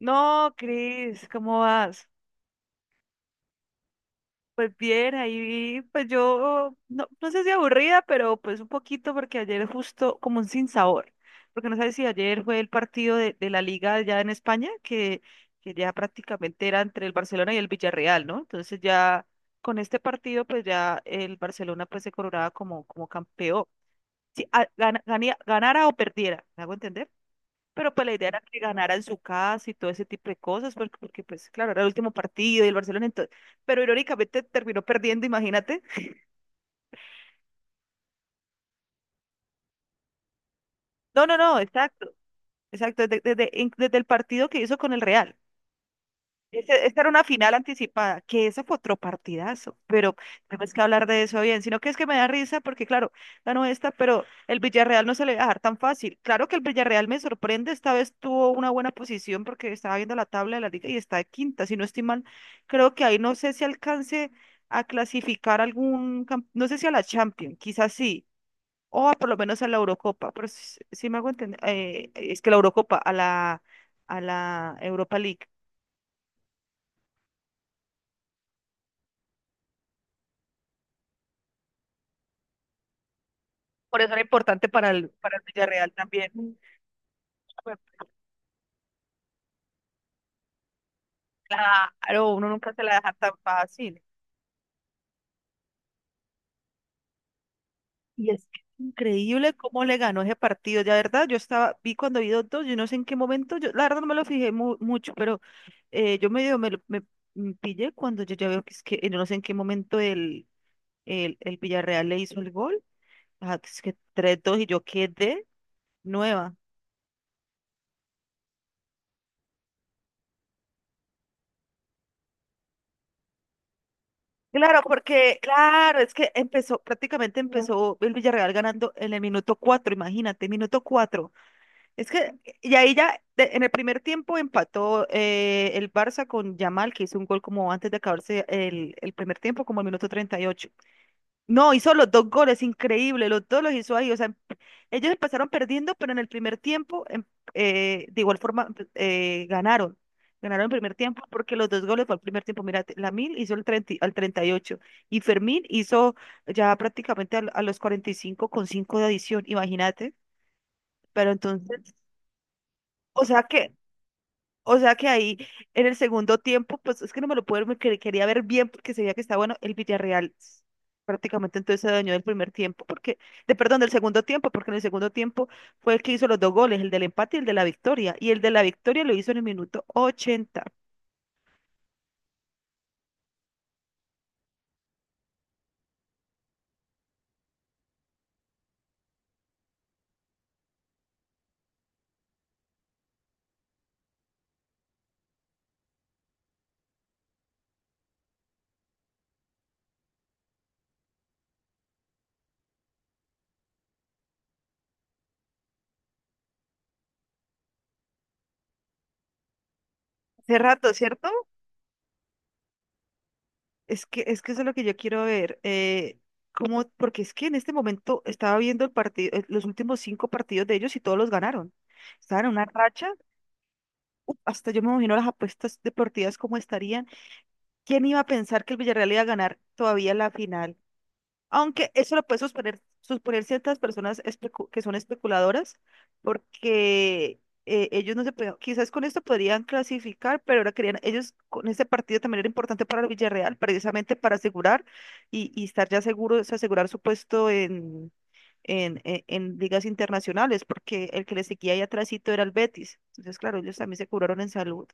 No, Cris, ¿cómo vas? Pues bien, ahí, pues yo, no, no sé si aburrida, pero pues un poquito porque ayer justo como un sinsabor, porque no sabes si ayer fue el partido de la liga ya en España, que ya prácticamente era entre el Barcelona y el Villarreal, ¿no? Entonces ya con este partido, pues ya el Barcelona pues se coronaba como campeón, si ganara o perdiera, ¿me hago entender? Pero pues la idea era que ganara en su casa y todo ese tipo de cosas, porque pues claro, era el último partido y el Barcelona entonces, pero irónicamente terminó perdiendo, imagínate. No, no, no, exacto, exacto, desde el partido que hizo con el Real. Esta era una final anticipada, que esa fue otro partidazo, pero tenemos que hablar de eso bien, sino que es que me da risa porque, claro, ganó esta, pero el Villarreal no se le va a dejar tan fácil. Claro que el Villarreal me sorprende, esta vez tuvo una buena posición porque estaba viendo la tabla de la liga y está de quinta, si no estoy mal, creo que ahí no sé si alcance a clasificar algún, no sé si a la Champions, quizás sí, o a por lo menos a la Eurocopa, pero si me hago entender, es que la Eurocopa, a la Europa League. Por eso era importante para el Villarreal también. Pues, claro, uno nunca se la deja tan fácil. Y es que es increíble cómo le ganó ese partido. Ya, verdad, yo estaba, vi cuando vi dos, dos, yo no sé en qué momento, yo la verdad no me lo fijé mucho, pero yo medio me pillé cuando yo ya veo que es que yo no sé en qué momento el, el Villarreal le hizo el gol. Ajá, que es que 3-2 y yo quedé nueva. Claro, porque, claro, es que empezó, prácticamente empezó el Villarreal ganando en el minuto 4, imagínate, minuto 4. Es que, y ahí ya, en el primer tiempo empató el Barça con Yamal, que hizo un gol como antes de acabarse el primer tiempo, como el minuto 38. No, hizo los dos goles, increíble, los dos los hizo ahí. O sea, ellos empezaron perdiendo, pero en el primer tiempo, de igual forma, ganaron. Ganaron el primer tiempo porque los dos goles fue el primer tiempo. Mira, Lamil hizo el al 38 y Fermín hizo ya prácticamente a los 45 con 5 de adición, imagínate. Pero entonces, o sea que o sea que ahí en el segundo tiempo, pues es que no me lo puedo, me quería ver bien porque se veía que está bueno el Villarreal. Prácticamente entonces se adueñó del primer tiempo, porque, de perdón, del segundo tiempo, porque en el segundo tiempo fue el que hizo los dos goles, el del empate y el de la victoria. Y el de la victoria lo hizo en el minuto 80. Hace rato, ¿cierto? Es que eso es lo que yo quiero ver. Porque es que en este momento estaba viendo el partido, los últimos cinco partidos de ellos y todos los ganaron. Estaban en una racha. Uf, hasta yo me imagino las apuestas deportivas cómo estarían. ¿Quién iba a pensar que el Villarreal iba a ganar todavía la final? Aunque eso lo puede suponer, ciertas personas que son especuladoras, porque ellos no se pueden, quizás con esto podrían clasificar, pero ahora querían, ellos con este partido también era importante para el Villarreal, precisamente para asegurar y estar ya seguros, asegurar su puesto en ligas internacionales, porque el que le seguía ahí atrásito era el Betis. Entonces, claro, ellos también se curaron en salud.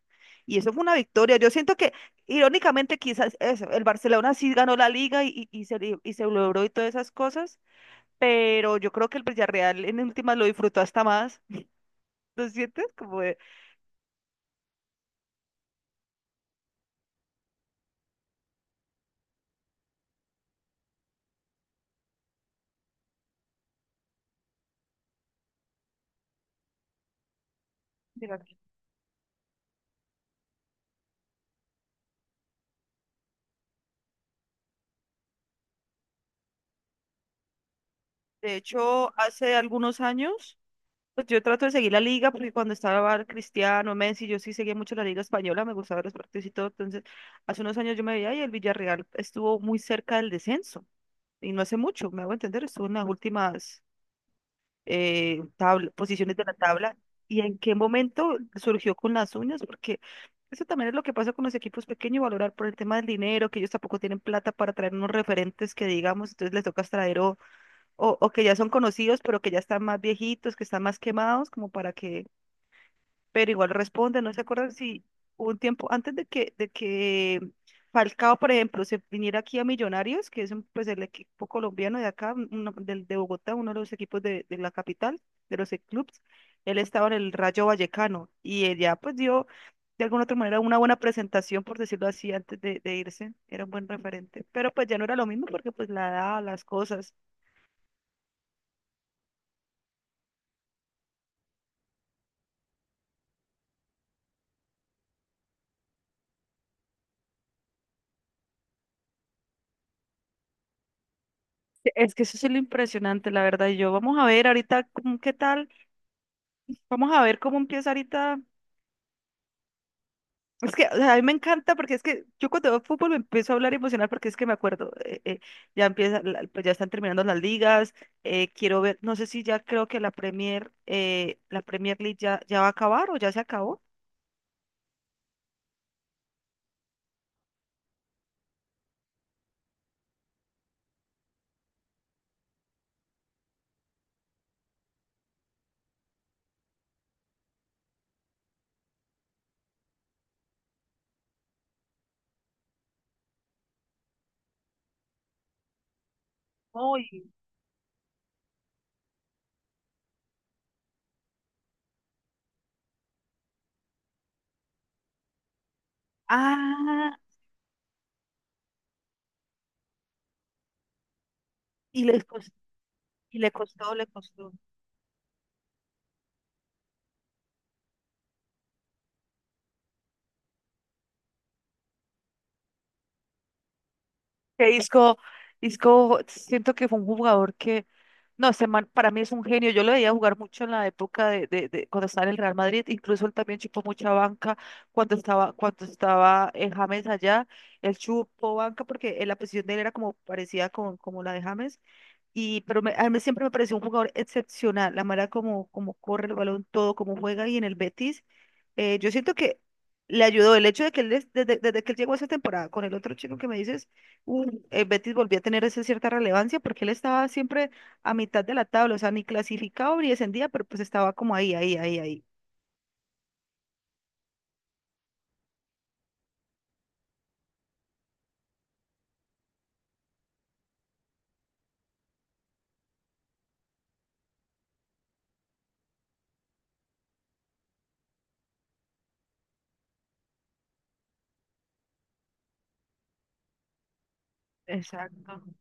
Y eso fue una victoria. Yo siento que, irónicamente, quizás eso, el Barcelona sí ganó la liga y y se logró y todas esas cosas, pero yo creo que el Villarreal en últimas lo disfrutó hasta más. ¿No sientes? Como de hecho, hace algunos años. Pues yo trato de seguir la liga porque cuando estaba Cristiano, Messi, yo sí seguía mucho la liga española, me gustaba ver los partidos y todo. Entonces, hace unos años yo me veía y el Villarreal estuvo muy cerca del descenso. Y no hace mucho, me hago entender, estuvo en las últimas posiciones de la tabla. ¿Y en qué momento surgió con las uñas? Porque eso también es lo que pasa con los equipos pequeños, valorar por el tema del dinero, que ellos tampoco tienen plata para traer unos referentes que digamos, entonces les toca traer o, o que ya son conocidos, pero que ya están más viejitos, que están más quemados, como para que pero igual responde, no se acuerdan si hubo un tiempo antes de que Falcao, por ejemplo, se viniera aquí a Millonarios, que es pues el equipo colombiano de acá, uno de Bogotá, uno de los equipos de la capital, de los clubes, él estaba en el Rayo Vallecano y él ya pues dio de alguna otra manera una buena presentación, por decirlo así, antes de irse, era un buen referente, pero pues ya no era lo mismo porque pues la edad, las cosas. Es que eso es lo impresionante, la verdad. Yo vamos a ver ahorita qué tal, vamos a ver cómo empieza ahorita. Es que o sea, a mí me encanta porque es que yo cuando veo fútbol me empiezo a hablar emocional porque es que me acuerdo, ya empieza, pues ya están terminando las ligas, quiero ver, no sé si ya creo que la Premier League ya, va a acabar o ya se acabó. Uy, Ah, y le costó, y le costó, le costó. Que Isco, siento que fue un jugador que no, ese man para mí es un genio. Yo lo veía jugar mucho en la época de cuando estaba en el Real Madrid. Incluso él también chupó mucha banca cuando estaba en James allá. Él chupó banca porque la posición de él era como parecida como la de James. Y, pero a mí siempre me pareció un jugador excepcional. La manera como corre el balón, todo, como juega. Y en el Betis yo siento que le ayudó el hecho de que él, desde que él llegó a esa temporada con el otro chico que me dices, el Betis volvió a tener esa cierta relevancia porque él estaba siempre a mitad de la tabla, o sea, ni clasificado ni descendía, pero pues estaba como ahí, ahí, ahí, ahí. Exacto.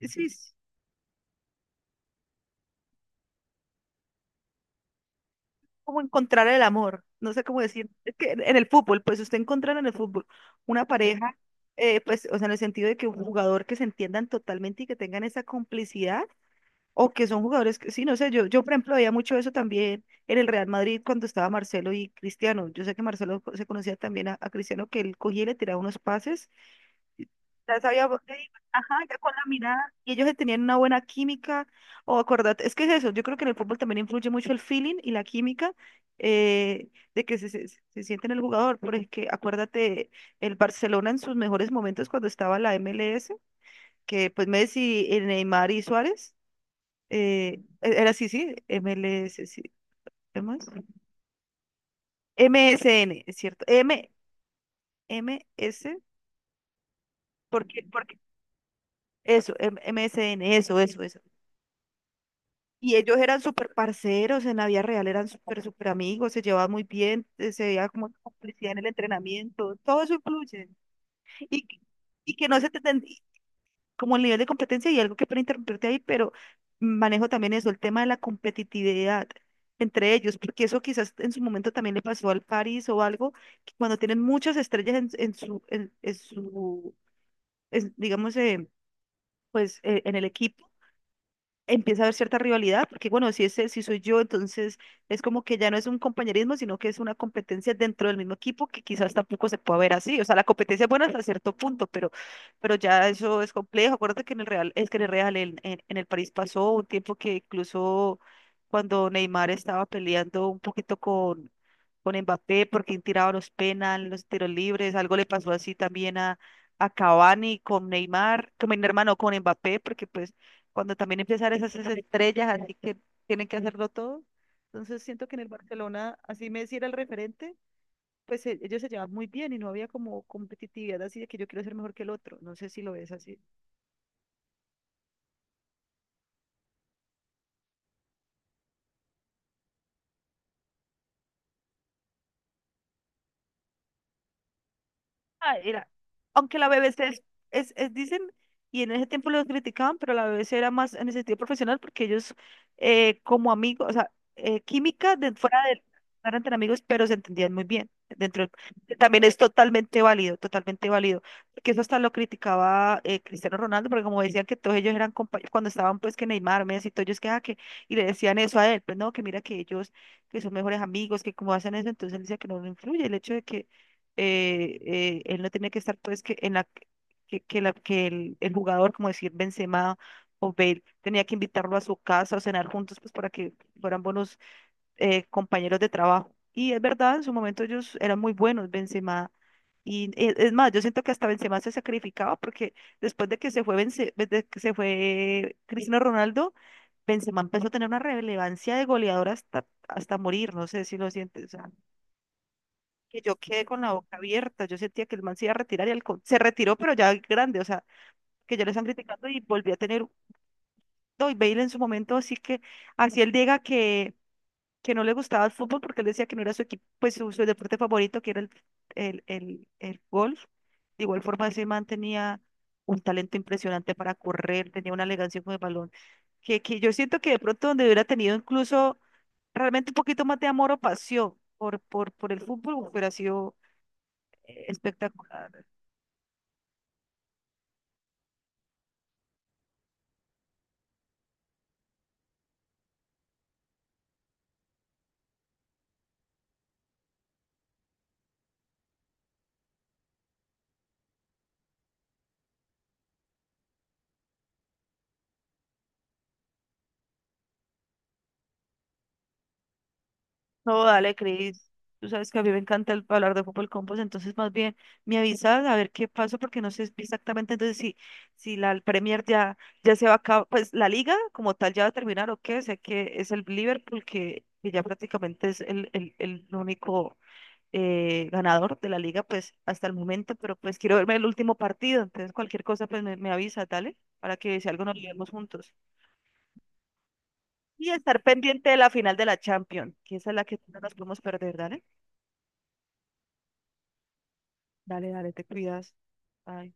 Sí, es como encontrar el amor, no sé cómo decir, es que en el fútbol, pues usted encontrar en el fútbol una pareja, pues, o sea, en el sentido de que un jugador que se entiendan totalmente y que tengan esa complicidad. O que son jugadores que, sí, no sé, yo por ejemplo veía mucho eso también en el Real Madrid cuando estaba Marcelo y Cristiano. Yo sé que Marcelo se conocía también a Cristiano, que él cogía y le tiraba unos pases. Ya sabía, ajá, ya con la mirada. Y ellos se tenían una buena química. O acordate, es que es eso, yo creo que en el fútbol también influye mucho el feeling y la química eh, de que se siente en el jugador. Porque acuérdate, el Barcelona en sus mejores momentos cuando estaba la MLS, que pues Messi, Neymar y Suárez. Era así, sí, MLS, sí. ¿Qué más? MSN, es cierto. M, m s porque, eso, MSN, eso, eso, eso. Y ellos eran súper parceros en la vida real, eran súper, súper amigos, se llevaban muy bien, se veía como complicidad en el entrenamiento, todo eso influye. Y, y que no se te, como el nivel de competencia y algo que para interrumpirte ahí, pero manejo también eso, el tema de la competitividad entre ellos, porque eso quizás en su momento también le pasó al París o algo, que cuando tienen muchas estrellas en su digamos, pues en el equipo empieza a haber cierta rivalidad, porque bueno, si soy yo, entonces es como que ya no es un compañerismo, sino que es una competencia dentro del mismo equipo que quizás tampoco se pueda ver así. O sea, la competencia es buena hasta cierto punto, pero, ya eso es complejo. Acuérdate que en el Real, es que en el Real, en el París pasó un tiempo que incluso cuando Neymar estaba peleando un poquito con Mbappé, porque tiraba los penales, los tiros libres, algo le pasó así también a Cavani con Neymar, con mi hermano, con Mbappé, porque pues cuando también empiezan esas estrellas, así que tienen que hacerlo todo. Entonces siento que en el Barcelona, así Messi era el referente, pues ellos se llevaban muy bien y no había como competitividad así de que yo quiero ser mejor que el otro. No sé si lo ves así. Ah, era- Aunque la BBC es, dicen, y en ese tiempo los criticaban, pero la BBC era más en el sentido profesional porque ellos como amigos, o sea, química de, fuera de, no eran tan amigos, pero se entendían muy bien. Dentro del- que también es totalmente válido, totalmente válido. Porque eso hasta lo criticaba Cristiano Ronaldo, porque como decían que todos ellos eran compañeros, cuando estaban pues que Neymar, Messi, todos ellos que, ah, que, y le decían eso a él, pues no, que mira que ellos, que son mejores amigos, que como hacen eso, entonces él decía que no le influye el hecho de que él no tenía que estar pues que en la que la, el jugador, como decir Benzema o Bale, tenía que invitarlo a su casa o cenar juntos pues para que fueran buenos compañeros de trabajo. Y es verdad, en su momento ellos eran muy buenos, Benzema. Y es más, yo siento que hasta Benzema se sacrificaba porque después de que se fue, pues, de que se fue Cristiano Ronaldo, Benzema empezó a tener una relevancia de goleador hasta, hasta morir, no sé si lo sientes que yo quedé con la boca abierta. Yo sentía que el man se iba a retirar y el co, se retiró, pero ya grande, o sea, que ya le están criticando y volví a tener. No, y Bale en su momento, así que, así él diga que no le gustaba el fútbol porque él decía que no era su equipo, pues su deporte favorito, que era el golf. De igual forma, ese man tenía un talento impresionante para correr, tenía una elegancia con el balón, que yo siento que de pronto donde hubiera tenido incluso realmente un poquito más de amor o pasión por el fútbol, hubiera sido espectacular. No, dale, Cris. Tú sabes que a mí me encanta hablar de fútbol con vos, entonces más bien me avisas a ver qué pasó, porque no sé exactamente entonces si, si la Premier ya, ya se va a acabar, pues la liga como tal ya va a terminar o qué, sé que es el Liverpool que ya prácticamente es el único ganador de la liga, pues hasta el momento, pero pues quiero verme el último partido, entonces cualquier cosa pues me avisa, dale, para que si algo nos lo vemos juntos. Y estar pendiente de la final de la Champions, que esa es la que no nos podemos perder, dale. Dale, dale, te cuidas. Bye.